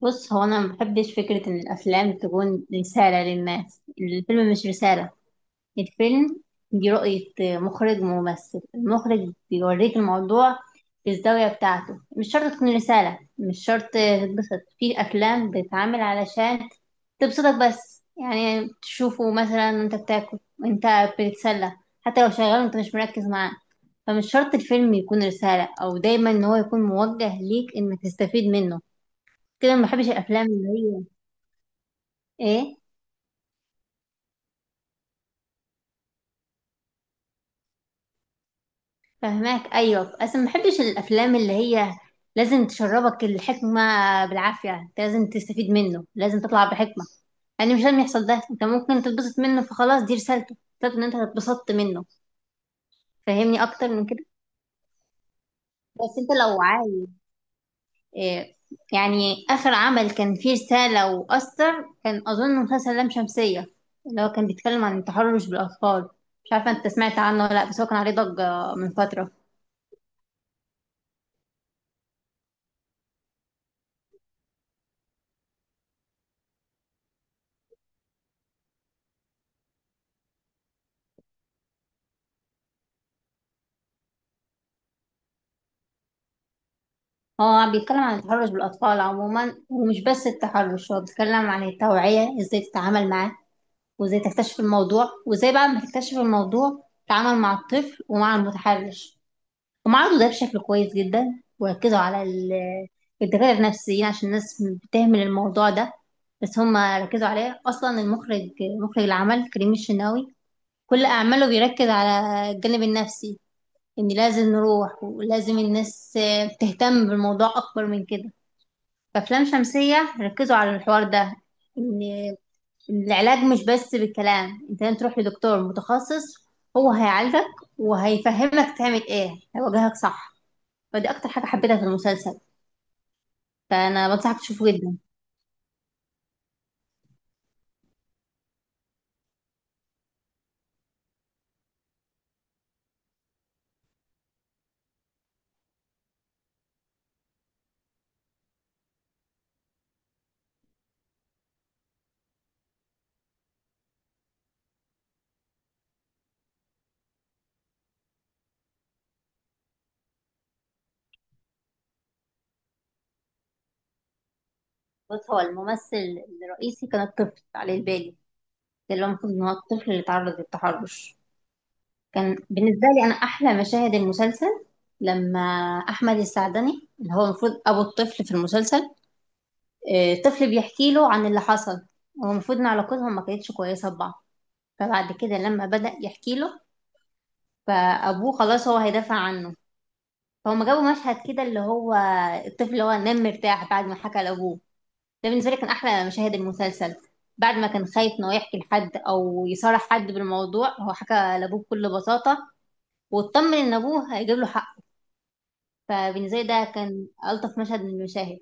بص، هو انا ما بحبش فكره ان الافلام تكون رساله للناس. الفيلم مش رساله. الفيلم دي رؤيه مخرج وممثل. المخرج بيوريك الموضوع في الزاويه بتاعته. مش شرط تكون رساله، مش شرط تتبسط. في افلام بتتعمل علشان تبسطك، بس يعني تشوفه مثلا وانت بتاكل وانت بتتسلى، حتى لو شغال وانت مش مركز معاه. فمش شرط الفيلم يكون رساله او دايما ان هو يكون موجه ليك انك تستفيد منه كده. ما بحبش الافلام اللي هي ايه، فهماك. ايوه، اصلا ما بحبش الافلام اللي هي لازم تشربك الحكمه بالعافيه. انت لازم تستفيد منه، لازم تطلع بحكمه، يعني مش لازم يحصل ده. انت ممكن تتبسط منه فخلاص دي رسالته، رسالته ان انت اتبسطت منه. فهمني اكتر من كده. بس انت لو عايز إيه، يعني اخر عمل كان فيه رساله واثر كان اظن مسلسل لام شمسيه، اللي هو كان بيتكلم عن التحرش بالاطفال. مش عارفه انت سمعت عنه ولا لا، بس هو كان عليه ضجه من فتره. هو بيتكلم عن التحرش بالأطفال عموما، ومش بس التحرش، هو بيتكلم عن التوعية، ازاي تتعامل معاه وازاي تكتشف الموضوع وازاي بعد ما تكتشف الموضوع تتعامل مع الطفل ومع المتحرش. هم عرضوا ده بشكل كويس جدا، وركزوا على الدكاترة النفسيين عشان الناس بتهمل الموضوع ده. بس هم ركزوا عليه. أصلا المخرج، مخرج العمل كريم الشناوي، كل أعماله بيركز على الجانب النفسي، إن لازم نروح ولازم الناس تهتم بالموضوع أكبر من كده. في أفلام شمسية ركزوا على الحوار ده، إن إن العلاج مش بس بالكلام، أنت لازم تروح لدكتور متخصص، هو هيعالجك وهيفهمك تعمل إيه، هيوجهك صح. فدي أكتر حاجة حبيتها في المسلسل، فأنا بنصحك تشوفه جدا. بص، هو الممثل الرئيسي كان الطفل علي البالي، ده اللي هو المفروض إن هو الطفل اللي تعرض للتحرش. كان بالنسبة لي أنا أحلى مشاهد المسلسل لما أحمد السعدني، اللي هو المفروض أبو الطفل في المسلسل، آه، طفل بيحكي له عن اللي حصل. هو المفروض ان علاقتهم ما كانتش كويسه ببعض، فبعد كده لما بدأ يحكي له فابوه خلاص هو هيدافع عنه. فهم جابوا مشهد كده اللي هو الطفل اللي هو نام مرتاح بعد ما حكى لابوه. ده بالنسبه لي كان احلى مشاهد المسلسل. بعد ما كان خايف انه يحكي لحد او يصارح حد بالموضوع، هو حكى لابوه بكل بساطه، واطمن ان ابوه هيجيب له حق. فبالنسبه لي ده كان الطف مشهد من المشاهد.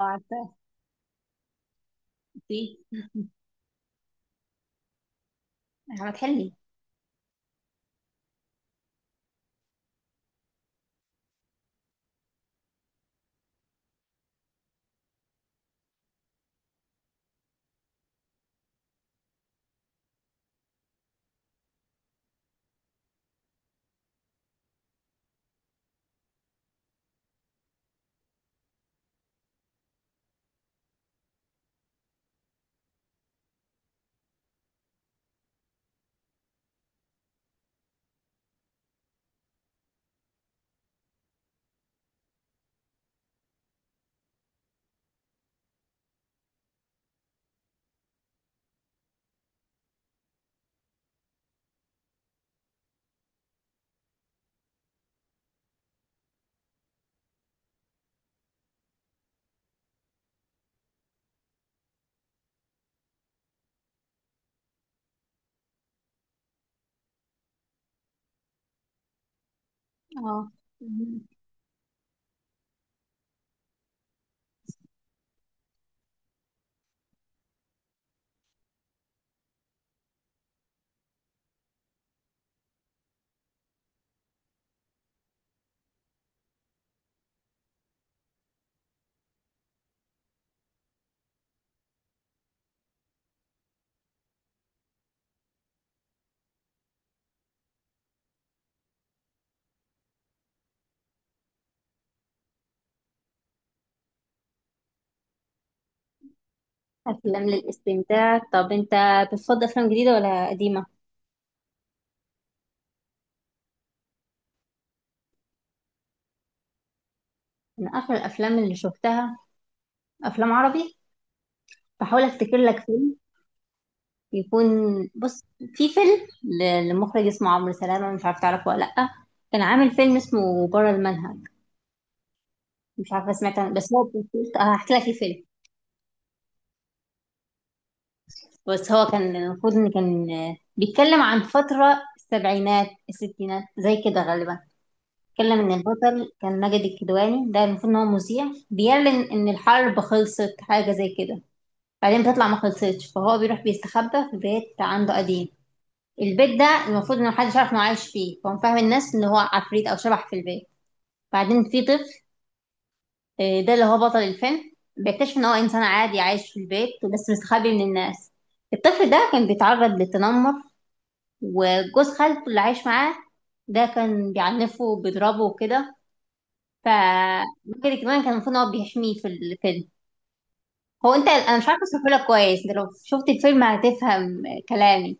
عارفه. دي احمد حلمي. اه. أفلام للاستمتاع؟ طب أنت بتفضل أفلام جديدة ولا قديمة؟ من آخر الأفلام اللي شفتها، أفلام عربي، بحاول أفتكر لك فيلم يكون. بص، في فيلم لمخرج اسمه عمرو سلامة، مش عارفة تعرفه ولا لأ. كان عامل فيلم اسمه بره المنهج، مش عارفة سمعت عنه، بس هو هحكي لك الفيلم. بس هو كان المفروض إن كان بيتكلم عن فترة السبعينات الستينات زي كده غالبا. اتكلم ان البطل كان ماجد الكدواني، ده المفروض ان هو مذيع بيعلن ان الحرب خلصت حاجه زي كده. بعدين بتطلع ما خلصتش، فهو بيروح بيستخبى في بيت عنده قديم. البيت ده المفروض ان محدش عارف انه عايش فيه، فهو فاهم الناس ان هو عفريت او شبح في البيت. بعدين في طفل، آه، ده اللي هو بطل الفيلم، بيكتشف ان هو انسان عادي عايش في البيت بس مستخبي من الناس. الطفل ده كان بيتعرض للتنمر، وجوز خالته اللي عايش معاه ده كان بيعنفه وبيضربه وكده. ف الراجل كمان كان المفروض ان هو بيحميه في الفيلم. هو انت انا مش عارفه اشرحه لك كويس، انت لو شفت الفيلم هتفهم كلامي.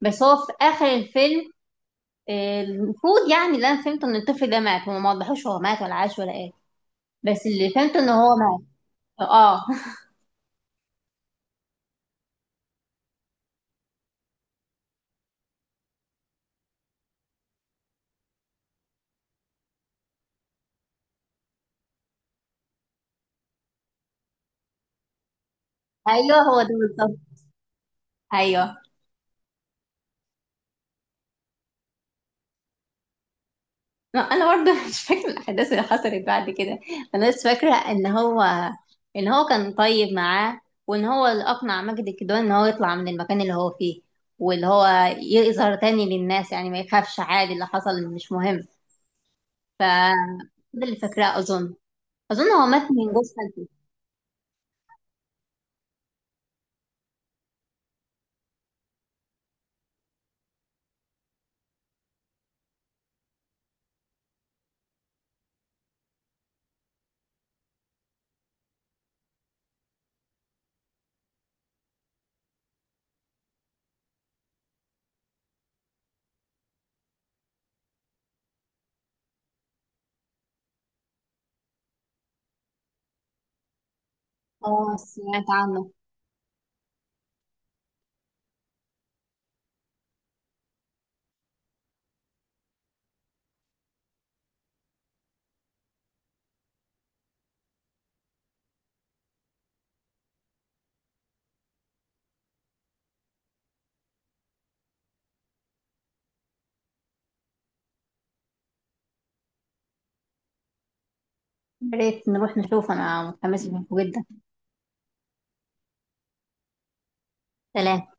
بس هو في اخر الفيلم، آه، المفروض يعني اللي انا فهمته ان الطفل ده مات. هو ما وضحوش هو مات ولا عاش ولا ايه، بس اللي فهمته ان هو مات. اه ايوه، هو ده بالظبط. ايوه. لا، انا برضه مش فاكره الاحداث اللي حصلت بعد كده. انا بس فاكره ان هو كان طيب معاه، وان هو اللي اقنع ماجد الكدواني ان هو يطلع من المكان اللي هو فيه، واللي هو يظهر تاني للناس، يعني ما يخافش عادي اللي حصل مش مهم. ف ده اللي فاكراه اظن. اظن هو مات من جوز خالته. اه، سمعت عنه. يا ريت نروح نشوفه، انا متحمسه له جدا. سلام.